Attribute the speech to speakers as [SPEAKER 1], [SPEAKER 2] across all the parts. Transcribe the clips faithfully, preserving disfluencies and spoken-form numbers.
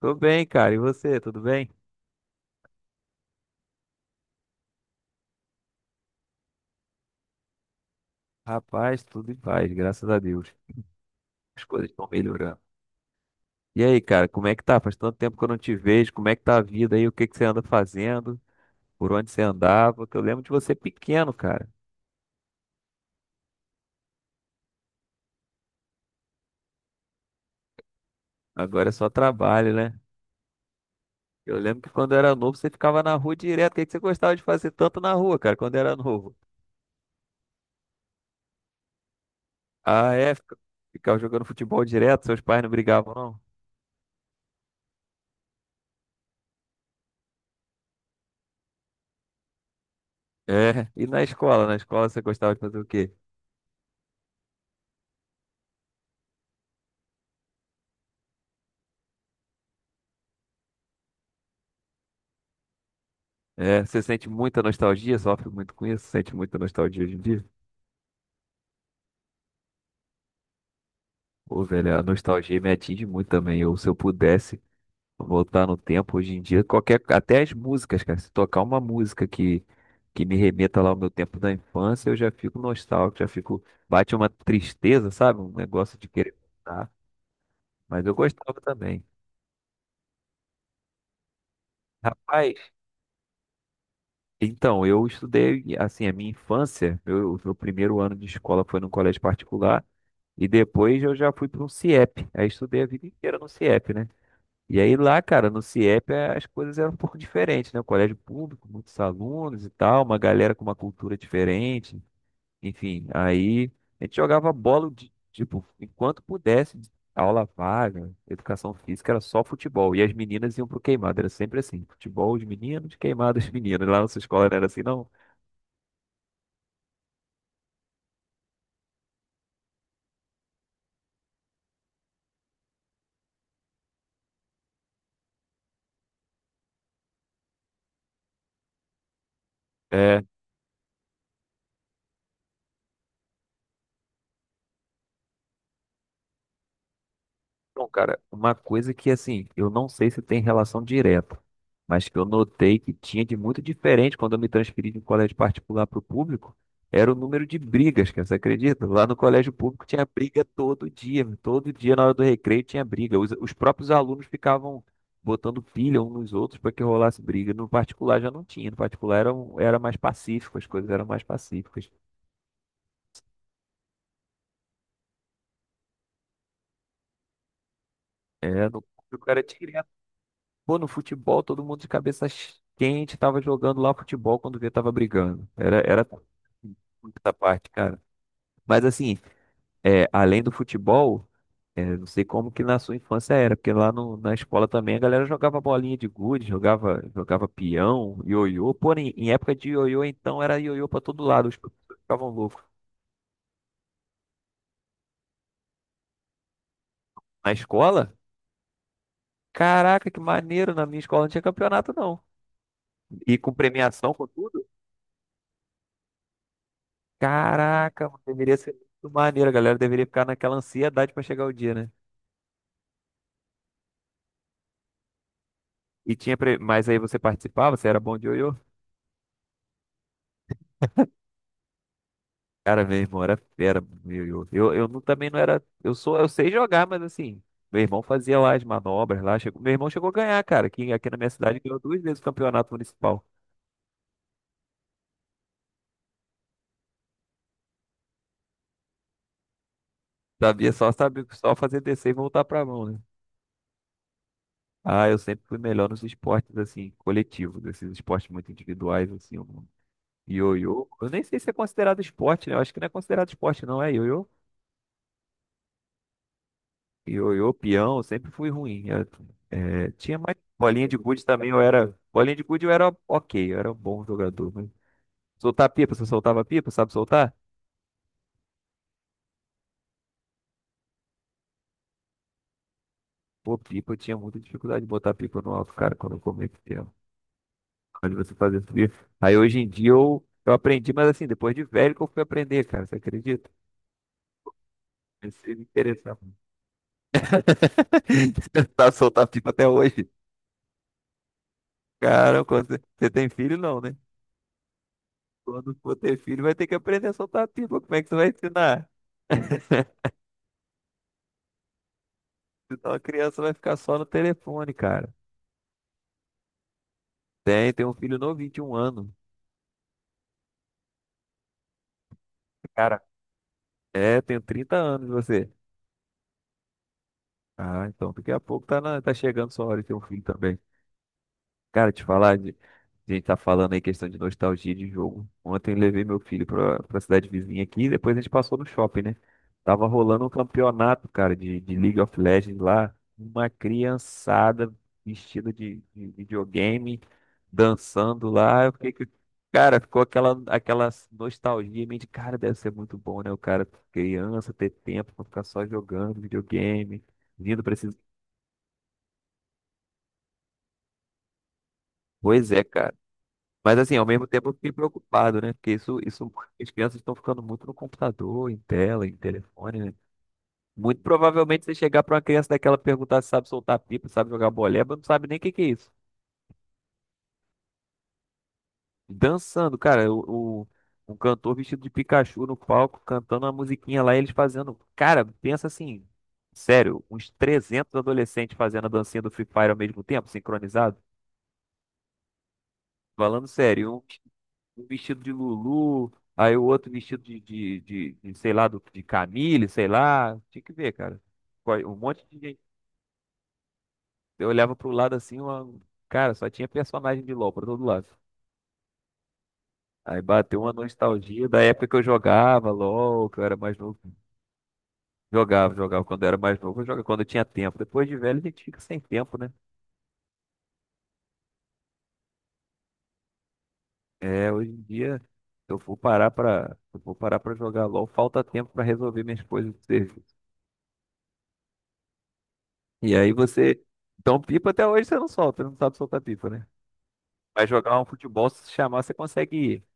[SPEAKER 1] Tô bem, cara. E você, tudo bem? Rapaz, tudo em paz, graças a Deus. As coisas estão melhorando. E aí, cara, como é que tá? Faz tanto tempo que eu não te vejo. Como é que tá a vida aí? O que que você anda fazendo? Por onde você andava? Que eu lembro de você pequeno, cara. Agora é só trabalho, né? Eu lembro que quando eu era novo, você ficava na rua direto. O que que você gostava de fazer tanto na rua, cara, quando era novo? Ah, é? Fica- Ficava jogando futebol direto, seus pais não brigavam, não? É. E na escola? Na escola você gostava de fazer o quê? É, você sente muita nostalgia, sofre muito com isso, sente muita nostalgia hoje em dia? Pô, velho, a nostalgia me atinge muito também. Eu, se eu pudesse voltar no tempo hoje em dia, qualquer, até as músicas, cara, se tocar uma música que, que me remeta lá ao meu tempo da infância, eu já fico nostálgico, já fico, bate uma tristeza, sabe? Um negócio de querer voltar. Mas eu gostava também. Rapaz, então, eu estudei, assim, a minha infância, meu, o meu primeiro ano de escola foi num colégio particular, e depois eu já fui para um C I E P. Aí estudei a vida inteira no C I E P, né? E aí lá, cara, no C I E P eh, as coisas eram um pouco diferentes, né? O colégio público, muitos alunos e tal, uma galera com uma cultura diferente. Enfim, aí a gente jogava bola, de- tipo, enquanto pudesse, aula vaga, educação física, era só futebol. E as meninas iam pro queimado, era sempre assim, futebol os meninos, queimado os meninas. Lá na sua escola não era assim, não? É. Então, cara, uma coisa que assim, eu não sei se tem relação direta, mas que eu notei que tinha de muito diferente quando eu me transferi de um colégio particular para o público, era o número de brigas, cara, você acredita? Lá no colégio público tinha briga todo dia, todo dia na hora do recreio tinha briga. Os, os próprios alunos ficavam botando pilha uns nos outros para que rolasse briga. No particular já não tinha, no particular era, um- era mais pacífico, as coisas eram mais pacíficas. É, no público era direto. Pô, no futebol, todo mundo de cabeça quente tava jogando lá futebol quando vê tava brigando. Era, era muita parte, cara. Mas assim, é, além do futebol, é, não sei como que na sua infância era, porque lá no- na escola também a galera jogava bolinha de gude, jogava, jogava peão, ioiô. Porém, em época de ioiô, então era ioiô pra todo lado, os professores ficavam loucos. Na escola? Caraca, que maneiro! Na minha escola não tinha campeonato, não. E com premiação, com tudo. Caraca, mano, deveria ser muito maneiro, a galera deveria ficar naquela ansiedade pra chegar o dia, né? E tinha, pre- mas aí você participava, você era bom de ioiô? Cara, meu irmão era fera, meu ioiô. Eu, eu não- também não era, eu sou, eu sei jogar, mas assim, meu irmão fazia lá as manobras lá, chegou, meu irmão chegou a ganhar, cara. Aqui, aqui na minha cidade ganhou duas vezes o campeonato municipal. Sabia só, sabia só fazer descer e voltar pra mão, né? Ah, eu sempre fui melhor nos esportes assim, coletivos, esses esportes muito individuais assim, eu Ioiô, eu nem sei se é considerado esporte, né? Eu acho que não é considerado esporte, não, é ioiô. Ioiô, peão, eu sempre fui ruim. Eu, é, tinha mais bolinha de gude também, eu era. Bolinha de gude eu era ok, eu era um bom jogador. Mas... Soltar pipa, você soltava pipa, sabe soltar? Pô, pipa, eu tinha muita dificuldade de botar pipa no alto, cara, quando eu comia peão. Quando você fazia subir. Aí hoje em dia eu, eu aprendi, mas assim, depois de velho que eu fui aprender, cara, você acredita? Comecei a me interessar. Você não sabe soltar pipa até hoje. Caramba, quando você você tem filho, não, né? Quando for ter filho, vai ter que aprender a soltar pipa. Como é que você vai ensinar? Senão a criança vai ficar só no telefone, cara. Tem, tem um filho novo, vinte e um anos. Cara, é, tenho trinta anos você. Ah, então daqui a pouco tá, na- tá chegando sua hora de ter um filho também. Cara, te falar, de- a gente tá falando aí questão de nostalgia de jogo. Ontem levei meu filho pra, pra cidade vizinha aqui e depois a gente passou no shopping, né? Tava rolando um campeonato, cara, de, de League of Legends lá. Uma criançada vestida de, de videogame, dançando lá. Eu fiquei, que- cara, ficou aquela, aquela nostalgia em mim de, cara, deve ser muito bom, né? O cara, criança, ter tempo pra ficar só jogando videogame, vindo pra esse. Pois é, cara. Mas assim, ao mesmo tempo eu fiquei preocupado, né? Porque isso, isso, as crianças estão ficando muito no computador, em tela, em telefone, né? Muito provavelmente você chegar pra uma criança daquela perguntar se sabe soltar pipa, sabe jogar boleba, não sabe nem o que que é isso. Dançando, cara, o, o- um cantor vestido de Pikachu no palco, cantando uma musiquinha lá, e eles fazendo. Cara, pensa assim, sério, uns trezentos adolescentes fazendo a dancinha do Free Fire ao mesmo tempo, sincronizado. Falando sério, um vestido de Lulu, aí o outro vestido de, de, de, de, sei lá, do, de Camille, sei lá. Tinha que ver, cara. Qual- Um monte de gente. Eu olhava pro lado assim, uma... cara, só tinha personagem de LOL pra todo lado. Aí bateu uma nostalgia da época que eu jogava LOL, que eu era mais novo. Jogava, jogava quando eu era mais novo, eu jogava quando eu tinha tempo. Depois de velho a gente fica sem tempo, né? É, hoje em dia, se eu for parar pra, se eu for parar pra jogar LOL, falta tempo pra resolver minhas coisas de serviço. E aí você. Então, pipa até hoje você não solta, não sabe soltar pipa, né? Vai jogar um futebol, se chamar, você consegue ir.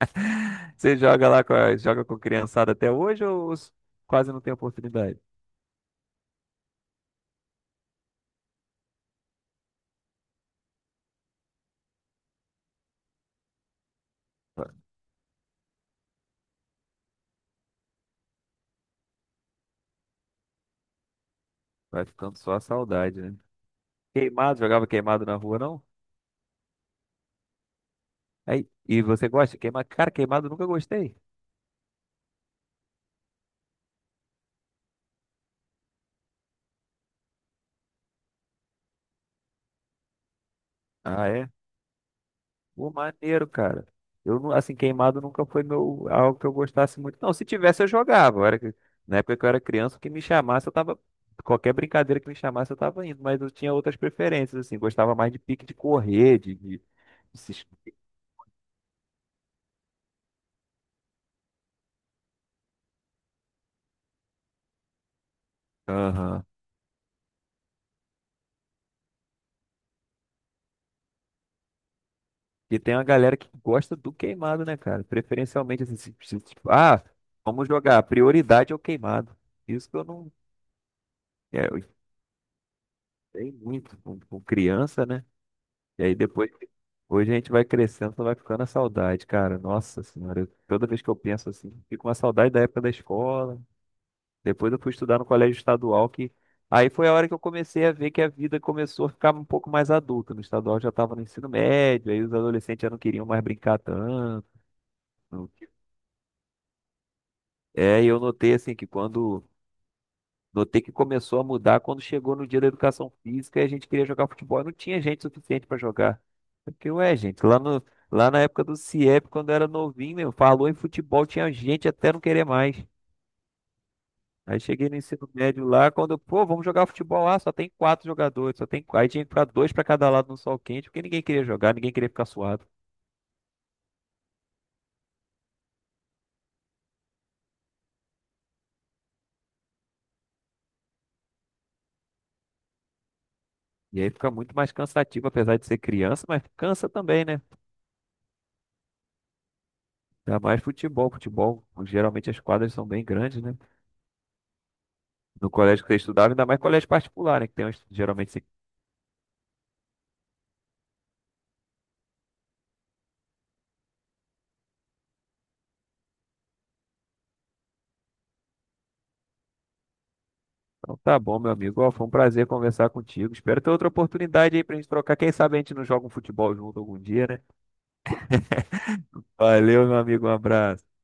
[SPEAKER 1] Você joga lá com a, joga com criançada até hoje ou s- quase não tem oportunidade? Vai vai ficando só a saudade, né? Queimado, jogava queimado na rua, não? Aí, e você gosta de queimado? Cara, queimado eu nunca gostei. Ah, é? Pô, maneiro, cara. Eu, nu- assim, queimado nunca foi meu, algo que eu gostasse muito. Não, se tivesse, eu jogava. Era cri- na época que eu era criança, o que me chamasse, eu tava. Qualquer brincadeira que me chamasse, eu tava indo. Mas eu tinha outras preferências, assim. Gostava mais de pique de correr, de, de, de se... es- Aham. E tem uma galera que gosta do queimado, né, cara? Preferencialmente, assim, se- se- tipo, ah, vamos jogar. A prioridade é o queimado. Isso que eu não. É, eu tem muito com, com criança, né? E aí depois, hoje a gente vai crescendo, só vai ficando a saudade, cara. Nossa senhora, eu- toda vez que eu penso assim, fico com uma saudade da época da escola. Depois eu fui estudar no colégio estadual, que aí foi a hora que eu comecei a ver que a vida começou a ficar um pouco mais adulta. No estadual eu já estava no ensino médio, aí os adolescentes já não queriam mais brincar tanto. É, e eu notei assim que quando Notei que começou a mudar quando chegou no dia da educação física e a gente queria jogar futebol. Não tinha gente suficiente para jogar. Eu fiquei, ué, gente, lá, no, lá na época do C I E P, quando eu era novinho, meu, falou em futebol, tinha gente até não querer mais. Aí cheguei no ensino médio lá, quando eu, pô, vamos jogar futebol lá, só tem quatro jogadores, só tem quatro. Aí tinha que ficar dois para cada lado no sol quente, porque ninguém queria jogar, ninguém queria ficar suado. E aí fica muito mais cansativo, apesar de ser criança, mas cansa também, né? Ainda mais futebol, futebol, geralmente as quadras são bem grandes, né? No colégio que você estudava, ainda mais colégio particular, né? Que tem uns, geralmente assim. Então tá bom, meu amigo. Ó, foi um prazer conversar contigo. Espero ter outra oportunidade aí pra gente trocar. Quem sabe a gente não joga um futebol junto algum dia, né? Valeu, meu amigo. Um abraço.